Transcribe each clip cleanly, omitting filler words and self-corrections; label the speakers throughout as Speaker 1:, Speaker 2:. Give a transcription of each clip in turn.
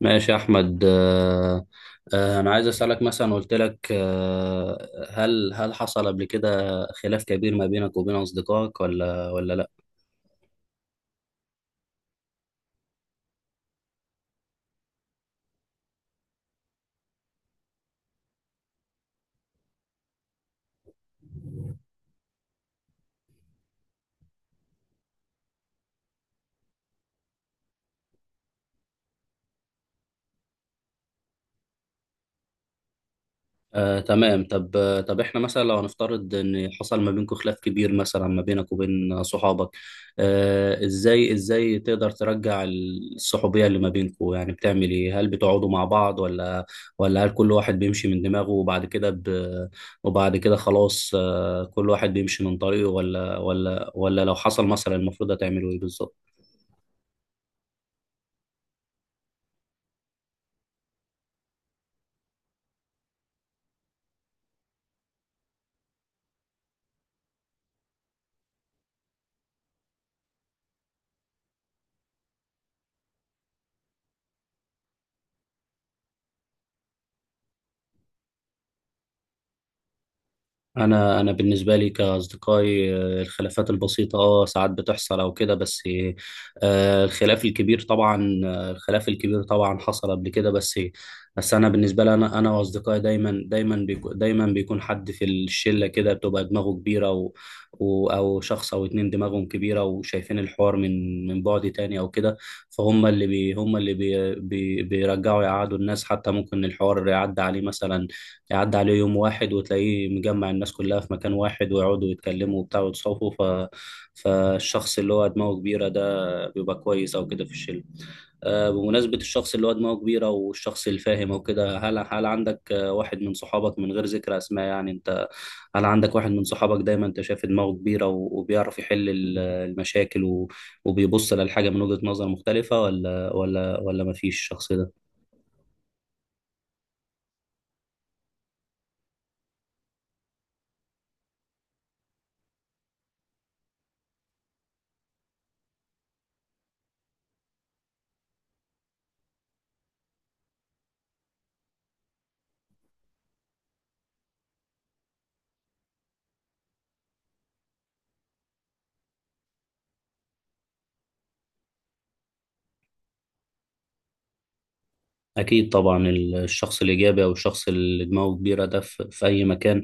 Speaker 1: ماشي يا احمد انا عايز اسالك مثلا قلت لك هل حصل قبل كده خلاف كبير ما بينك وبين اصدقائك ولا تمام. طب طب احنا مثلا لو هنفترض ان حصل ما بينكم خلاف كبير مثلا ما بينك وبين صحابك، ازاي تقدر ترجع الصحوبية اللي ما بينكم؟ يعني بتعمل ايه؟ هل بتقعدوا مع بعض ولا هل كل واحد بيمشي من دماغه وبعد كده وبعد كده خلاص كل واحد بيمشي من طريقه، ولا لو حصل مثلا المفروض هتعملوا ايه بالظبط؟ انا بالنسبه لي كاصدقائي، الخلافات البسيطه ساعات بتحصل او كده، بس الخلاف الكبير طبعا حصل قبل كده. بس انا بالنسبه لي، انا واصدقائي دايما بيكون حد في الشله كده بتبقى دماغه كبيره، او شخص او اتنين دماغهم كبيره وشايفين الحوار من بعد تاني او كده. فهم اللي بي هم اللي بي بي بيرجعوا يقعدوا الناس. حتى ممكن الحوار يعدي عليه مثلا، يعدي عليه يوم واحد وتلاقيه مجمع الناس كلها في مكان واحد ويقعدوا يتكلموا وبتاع ويتصافوا. فالشخص اللي هو دماغه كبيرة ده بيبقى كويس أو كده في الشلة. بمناسبة الشخص اللي هو دماغه كبيرة والشخص الفاهم أو كده، هل عندك واحد من صحابك، من غير ذكر أسماء يعني، أنت هل عندك واحد من صحابك دايما أنت شايف دماغه كبيرة وبيعرف يحل المشاكل وبيبص للحاجة من وجهة نظر مختلفة، ولا مفيش الشخص ده؟ أكيد طبعا. الشخص الإيجابي أو الشخص اللي دماغه كبيرة ده في في أي مكان،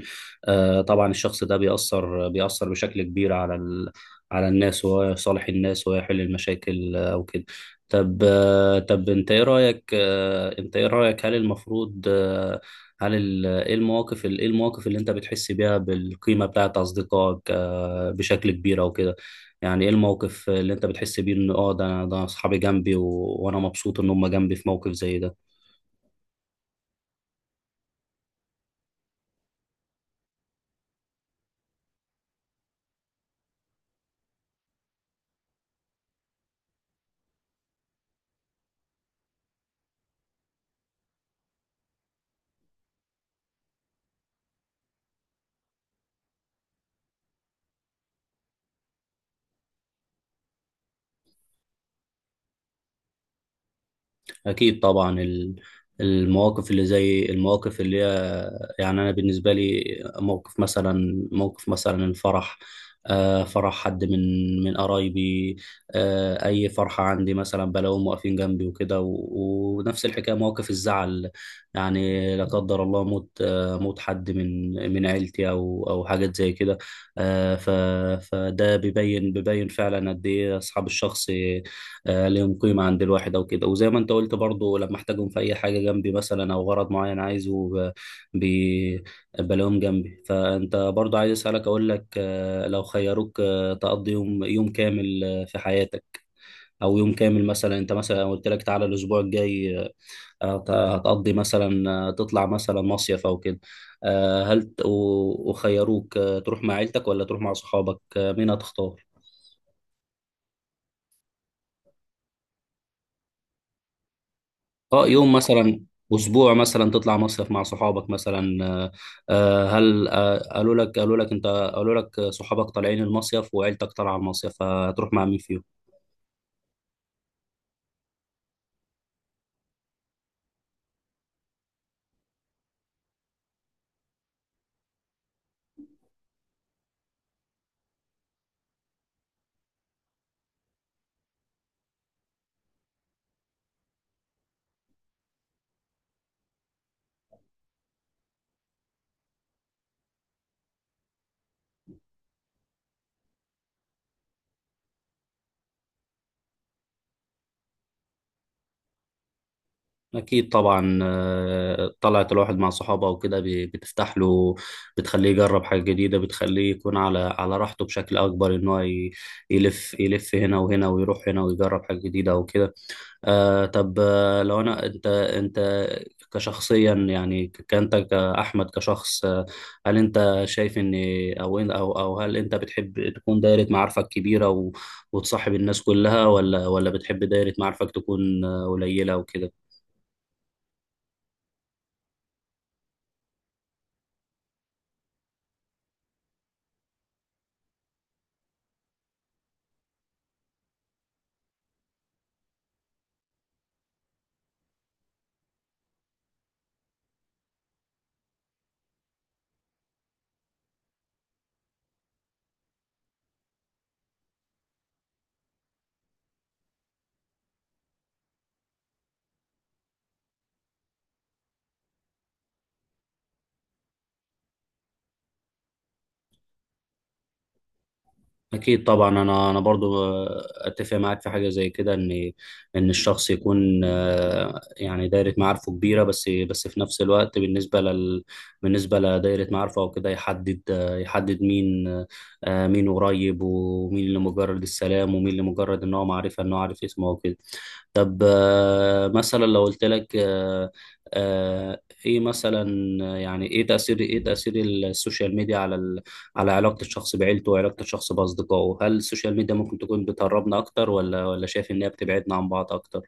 Speaker 1: طبعا الشخص ده بيأثر بشكل كبير على على الناس، وهو يصالح الناس ويحل المشاكل أو كده. طب أنت إيه رأيك، هل المفروض آه، هل ال... إيه المواقف ال- إيه المواقف اللي أنت بتحس بيها بالقيمة بتاعت أصدقائك بشكل كبير أو كده؟ يعني ايه الموقف اللي انت بتحس بيه ان ده اصحابي جنبي وانا مبسوط ان هم جنبي في موقف زي ده؟ أكيد طبعا. المواقف اللي هي، يعني أنا بالنسبة لي، موقف مثلا الفرح، فرح حد من قرايبي، أي فرحة عندي مثلا بلاقيهم واقفين جنبي وكده، ونفس الحكاية موقف الزعل، يعني لا قدر الله موت موت حد من عيلتي أو حاجات زي كده. آه، ف- فده بيبين فعلا قد إيه أصحاب الشخص ليهم قيمة عند الواحد أو كده. وزي ما أنت قلت برضو، لما أحتاجهم في أي حاجة جنبي مثلا أو غرض معين عايزه بي- بلاقيهم جنبي. فأنت برضو عايز أسألك أقول لك، لو خيروك تقضي يوم كامل في حياتك، أو يوم كامل مثلا، أنت مثلا لو قلت لك تعالى الأسبوع الجاي هتقضي مثلا تطلع مثلا مصيف أو كده، وخيروك تروح مع عيلتك ولا تروح مع صحابك، مين هتختار؟ اه يوم مثلا، اسبوع مثلا تطلع مصيف مع صحابك مثلا، آه، آه، هل آه، قالوا لك انت، قالوا لك صحابك طالعين المصيف وعيلتك طالعه المصيف، فهتروح مع مين فيهم؟ اكيد طبعا. طلعت الواحد مع صحابه وكده بتفتح له، بتخليه يجرب حاجه جديده، بتخليه يكون على على راحته بشكل اكبر، ان هو يلف هنا وهنا ويروح هنا ويجرب حاجه جديده وكده. آه، طب لو انا انت انت كشخصيا يعني، ك- كانت كأحمد كشخص، هل انت شايف ان او إن- او او هل انت بتحب تكون دايرة معارفك كبيرة وتصاحب الناس كلها، ولا بتحب دايرة معارفك تكون قليلة وكده؟ أكيد طبعا. أنا برضو أتفق معاك في حاجة زي كده، إن الشخص يكون يعني دايرة معارفه كبيرة، بس في نفس الوقت بالنسبة بالنسبة لدايرة معارفه أو كده، يحدد يحدد مين مين قريب، ومين اللي مجرد السلام، ومين اللي مجرد إن هو معرفة إن هو عارف اسمه وكده. طب مثلا لو قلت لك، إيه مثلا، يعني إيه تأثير السوشيال ميديا على على علاقة الشخص بعيلته وعلاقة الشخص بأصدقائه؟ هل السوشيال ميديا ممكن تكون بتقربنا أكتر، ولا شايف إن هي بتبعدنا عن بعض أكتر؟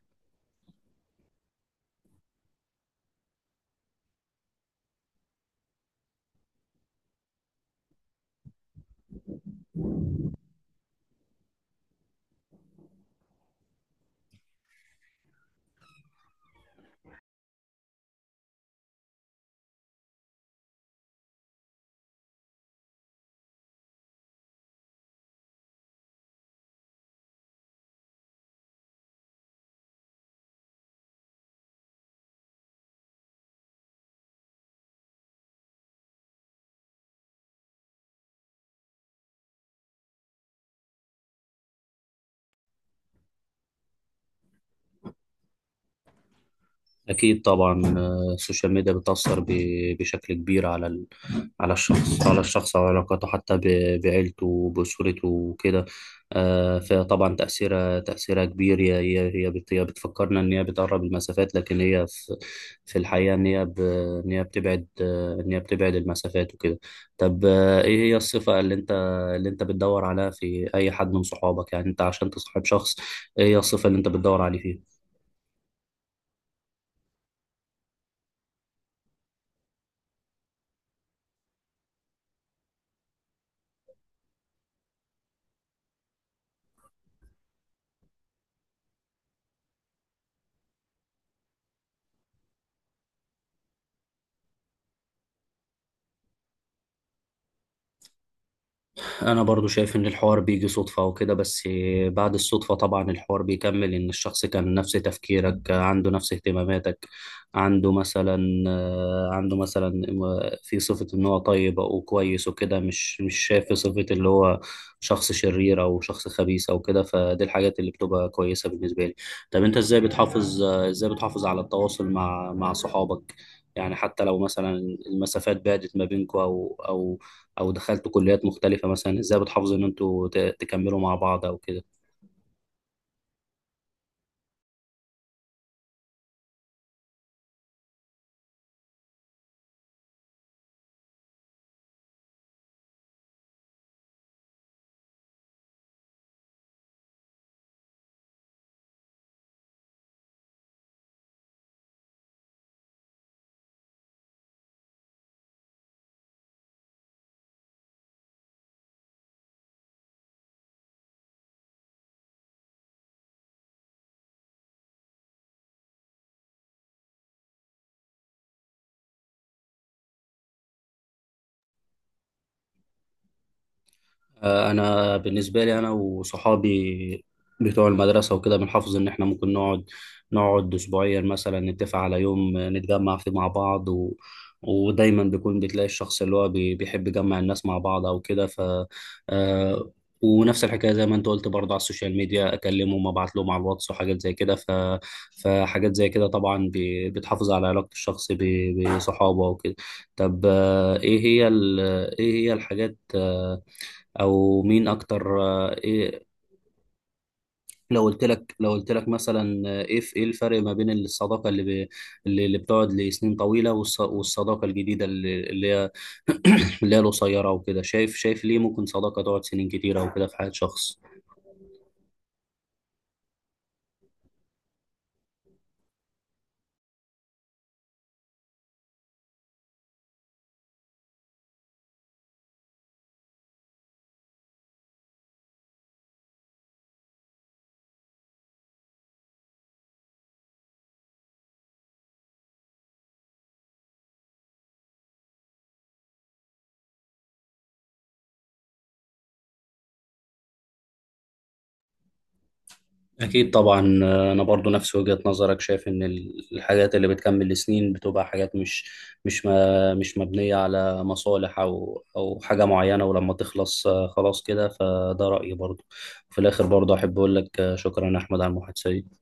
Speaker 1: أكيد طبعا. السوشيال ميديا بتأثر بشكل كبير على على الشخص، وعلاقاته حتى بعيلته وبأسرته وكده. فطبعا تأثيرها كبير. هي بتفكرنا إن هي بتقرب المسافات، لكن في الحقيقة إن هي بتبعد إن هي بتبعد المسافات وكده. طب إيه هي الصفة اللي أنت بتدور عليها في أي حد من صحابك؟ يعني أنت عشان تصاحب شخص، إيه هي الصفة اللي أنت بتدور عليه فيه؟ انا برضو شايف ان الحوار بيجي صدفة وكده. بس بعد الصدفة طبعا الحوار بيكمل، ان الشخص كان نفس تفكيرك، عنده نفس اهتماماتك، عنده مثلا عنده مثلا في صفة ان هو طيب او كويس وكده، مش شايف في صفة اللي هو شخص شرير او شخص خبيث او كده. فدي الحاجات اللي بتبقى كويسة بالنسبة لي. طب انت ازاي بتحافظ على التواصل مع مع صحابك؟ يعني حتى لو مثلا المسافات بعدت ما بينكم، او دخلتوا كليات مختلفه مثلا، ازاي بتحافظوا ان انتوا تكملوا مع بعض او كده؟ انا بالنسبه لي، انا وصحابي بتوع المدرسه وكده، بنحافظ ان احنا ممكن نقعد، اسبوعيا مثلا نتفق على يوم نتجمع فيه مع بعض، ودايما بيكون بتلاقي الشخص اللي هو بيحب يجمع الناس مع بعض او كده. ف آه، ونفس الحكايه زي ما انت قلت برضه، على السوشيال ميديا اكلمهم، ابعت لهم على الواتس وحاجات زي كده. فحاجات زي كده طبعا بتحافظ على علاقه الشخص بصحابه وكده. طب ايه هي الحاجات، او مين اكتر، آه، ايه لو قلت لك، مثلا ايه الفرق ما بين الصداقه اللي ب... اللي اللي بتقعد لسنين طويله، والصداقه الجديده اللي هي اللي هي القصيره وكده؟ شايف ليه ممكن صداقه تقعد سنين كتيره وكده في حياه شخص؟ أكيد طبعا. أنا برضو نفس وجهة نظرك، شايف إن الحاجات اللي بتكمل سنين بتبقى حاجات مش مبنية على مصالح أو حاجة معينة، ولما تخلص خلاص كده. فده رأيي برضو. في الآخر برضو أحب أقول لك شكرا يا أحمد على المحادثة دي.